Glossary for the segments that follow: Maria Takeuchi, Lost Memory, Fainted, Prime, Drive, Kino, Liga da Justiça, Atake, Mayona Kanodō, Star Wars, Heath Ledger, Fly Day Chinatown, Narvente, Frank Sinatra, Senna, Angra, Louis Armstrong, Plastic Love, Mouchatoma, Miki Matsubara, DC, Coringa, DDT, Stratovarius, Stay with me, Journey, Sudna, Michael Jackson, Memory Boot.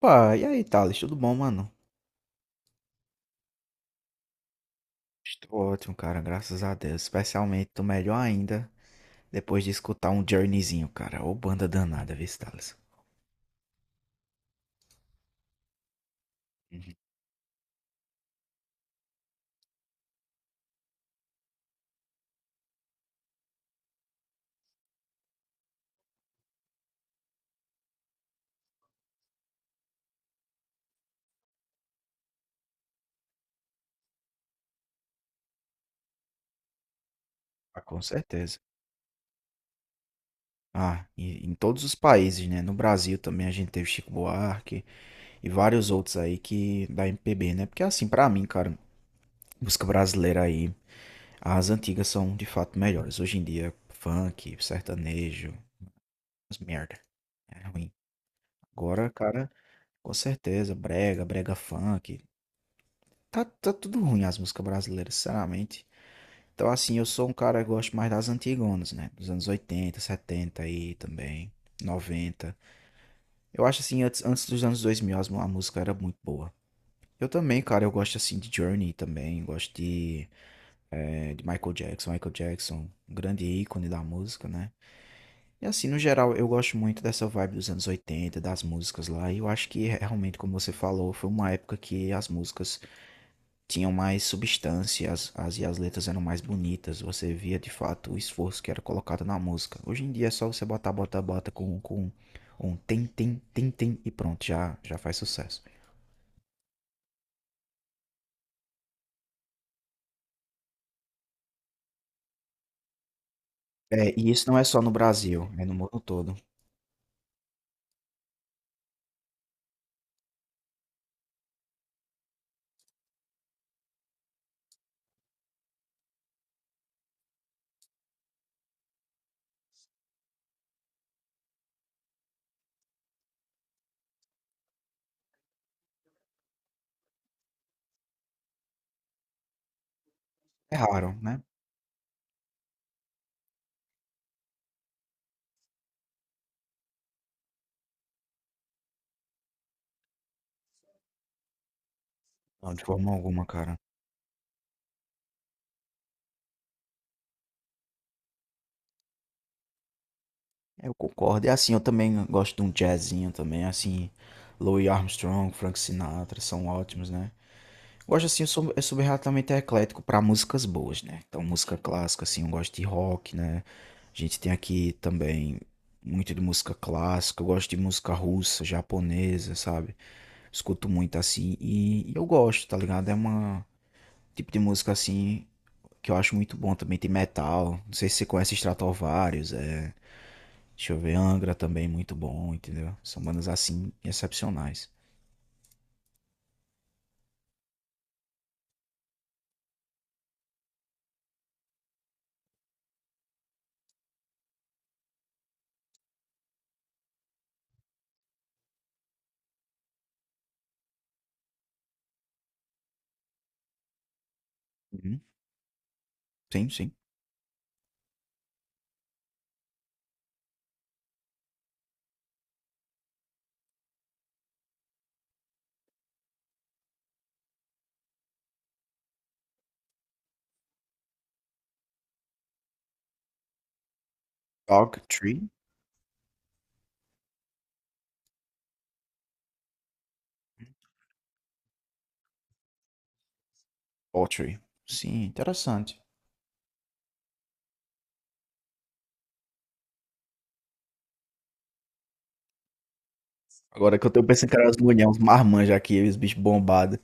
Pá, e aí, Thales, tudo bom, mano? Estou ótimo, cara, graças a Deus. Especialmente, tô melhor ainda depois de escutar um Journeyzinho, cara. Ô, banda danada, viu, Thales? Uhum. Ah, com certeza. Ah, e, em todos os países, né? No Brasil também a gente teve Chico Buarque e vários outros aí que da MPB, né? Porque assim, pra mim, cara, música brasileira aí, as antigas são de fato melhores. Hoje em dia, funk, sertanejo, as merda. É ruim. Agora, cara, com certeza, brega, brega funk. Tá, tá tudo ruim as músicas brasileiras, sinceramente. Então, assim, eu sou um cara que gosto mais das antigonas, né? Dos anos 80 70 aí também, noventa. Eu acho, assim, antes dos anos 2000, as a música era muito boa. Eu também, cara, eu gosto, assim, de Journey também. Gosto de, de Michael Jackson. Michael Jackson, um grande ícone da música, né? E, assim, no geral, eu gosto muito dessa vibe dos anos 80 das músicas lá. E eu acho que, realmente, como você falou, foi uma época que as músicas tinham mais substância, e as letras eram mais bonitas, você via de fato o esforço que era colocado na música. Hoje em dia é só você botar, bota, bota com um tem, tem, tem, tem e pronto, já faz sucesso. É, e isso não é só no Brasil, é no mundo todo. É raro, né? Não, de forma alguma, cara. Eu concordo. E assim, eu também gosto de um jazzinho também, assim, Louis Armstrong, Frank Sinatra, são ótimos, né? Gosto assim, eu sou bem relativamente eclético para músicas boas, né? Então, música clássica, assim, eu gosto de rock, né? A gente tem aqui também muito de música clássica, eu gosto de música russa, japonesa, sabe? Escuto muito assim e eu gosto, tá ligado? É uma tipo de música assim que eu acho muito bom também. Tem metal, não sei se você conhece Stratovarius, é. Deixa eu ver, Angra também, muito bom, entendeu? São bandas assim excepcionais. Uhum. Sim, sim. Dog Tree? Poetry. Sim, interessante. Agora que eu tô pensando que era as mulheres, uns marmanjos aqui, os bichos bombados.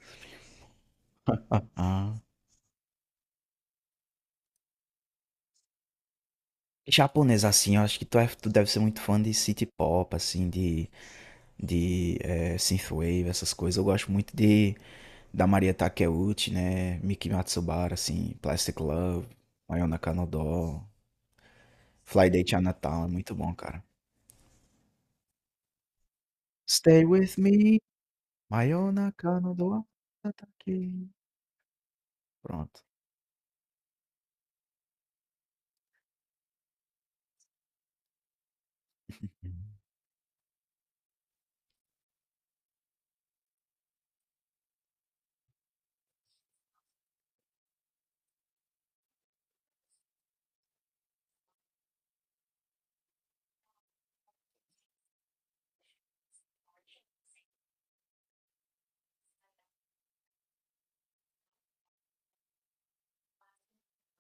Ah. Japonês, assim, eu acho que tu, tu deve ser muito fã de city pop, assim, de, de synthwave, essas coisas. Eu gosto muito de da Maria Takeuchi, né? Miki Matsubara, assim, Plastic Love, Mayona Kanodō, Fly Day Chinatown, é muito bom, cara. Stay with me, Mayona Kanodō, Atake. Pronto.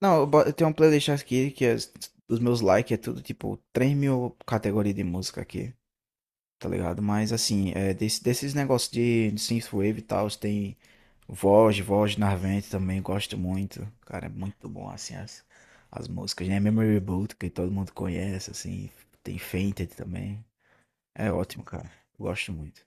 Não, eu tenho uma playlist aqui que é, os meus likes é tudo tipo 3 mil categorias de música aqui, tá ligado? Mas assim, é, desses negócios de synthwave e tal, tem voz Narvente também, gosto muito. Cara, é muito bom assim as, as músicas, né? Memory Boot, que todo mundo conhece, assim, tem Fainted também. É ótimo, cara. Eu gosto muito.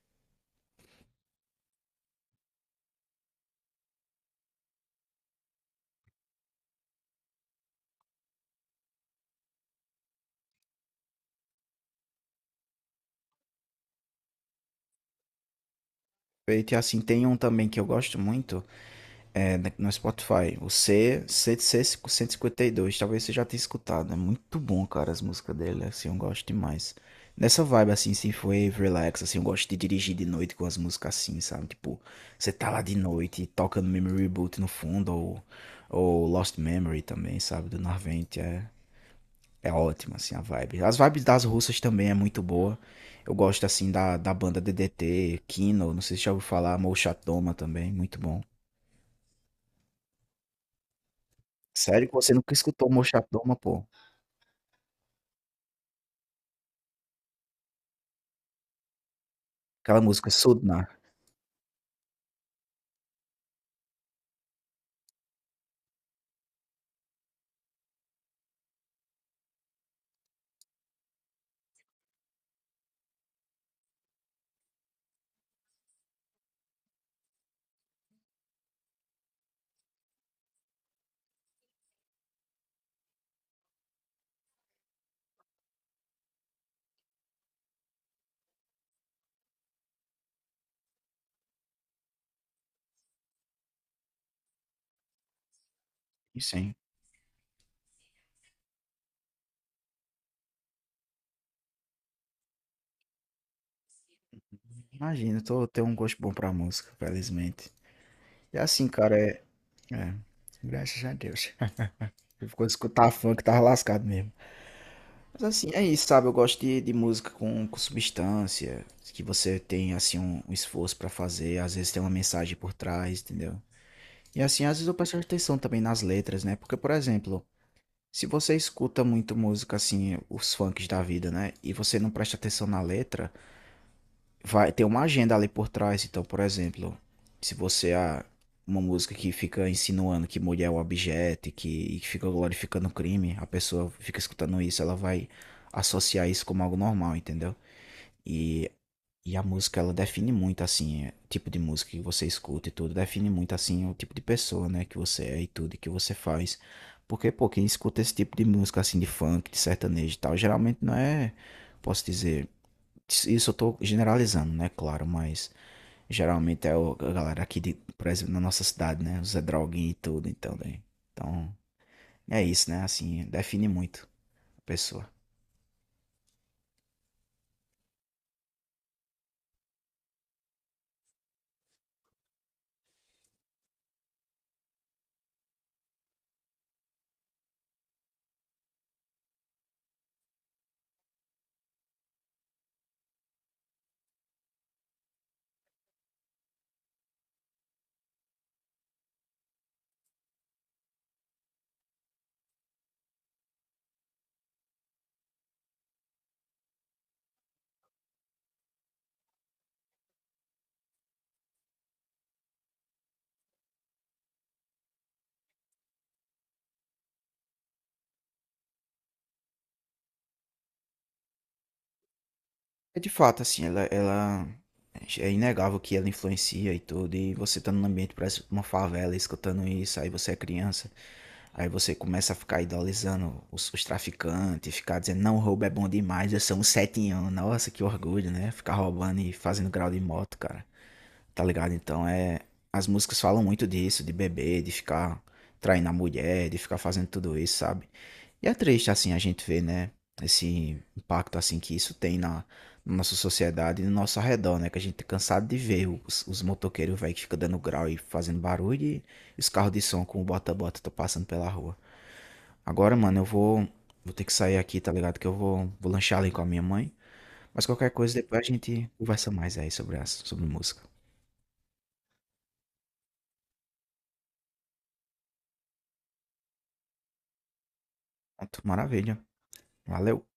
E assim, tem um também que eu gosto muito, é, no Spotify. O C, C, C 152. Talvez você já tenha escutado. É muito bom, cara, as músicas dele. Assim, eu gosto demais. Nessa vibe, assim, se foi relax, assim, eu gosto de dirigir de noite com as músicas assim, sabe? Tipo, você tá lá de noite e toca no Memory Boot no fundo, ou Lost Memory também, sabe? Do Narvente. É, é ótimo, assim, a vibe. As vibes das russas também é muito boa. Eu gosto, assim, da banda DDT, Kino, não sei se já ouviu falar, Mouchatoma também, muito bom. Sério que você nunca escutou Mochadoma, pô? Aquela música Sudna. Isso, sim. Imagina, eu tô, tenho um gosto bom pra música, felizmente. E assim, cara, é. É. Graças a Deus. Ficou de escutar funk, tava lascado mesmo. Mas assim, é isso, sabe? Eu gosto de música com substância, que você tem, assim, um esforço pra fazer, às vezes tem uma mensagem por trás, entendeu? E assim, às vezes eu presto atenção também nas letras, né? Porque, por exemplo, se você escuta muito música, assim, os funks da vida, né? E você não presta atenção na letra, vai ter uma agenda ali por trás. Então, por exemplo, se você há uma música que fica insinuando que mulher é um objeto e que fica glorificando o crime, a pessoa fica escutando isso, ela vai associar isso como algo normal, entendeu? E, e a música, ela define muito, assim, é, o tipo de música que você escuta e tudo, define muito, assim, o tipo de pessoa, né, que você é e tudo, e que você faz. Porque, pô, quem escuta esse tipo de música, assim, de funk, de sertanejo e tal, geralmente não é, posso dizer, isso eu tô generalizando, né? Claro, mas geralmente é a galera aqui, de, por exemplo, na nossa cidade, né? Os Zé Droguinha e tudo, então, né? Então, é isso, né? Assim, define muito a pessoa. É de fato, assim, ela é inegável que ela influencia e tudo, e você tá num ambiente, parece uma favela, escutando isso, aí você é criança, aí você começa a ficar idolizando os traficantes, ficar dizendo, não, roubo é bom demais, eu sou um setinhão, nossa, que orgulho, né? Ficar roubando e fazendo grau de moto, cara, tá ligado? Então é. As músicas falam muito disso, de beber, de ficar traindo a mulher, de ficar fazendo tudo isso, sabe? E é triste, assim, a gente ver, né? Esse impacto, assim, que isso tem na, na nossa sociedade e no nosso arredor, né? Que a gente é cansado de ver os motoqueiros, velho, que ficam dando grau e fazendo barulho e os carros de som com o bota-bota tô passando pela rua. Agora, mano, vou ter que sair aqui, tá ligado? Que vou lanchar ali com a minha mãe. Mas qualquer coisa, depois a gente conversa mais aí sobre, sobre música. Pronto, maravilha. Valeu!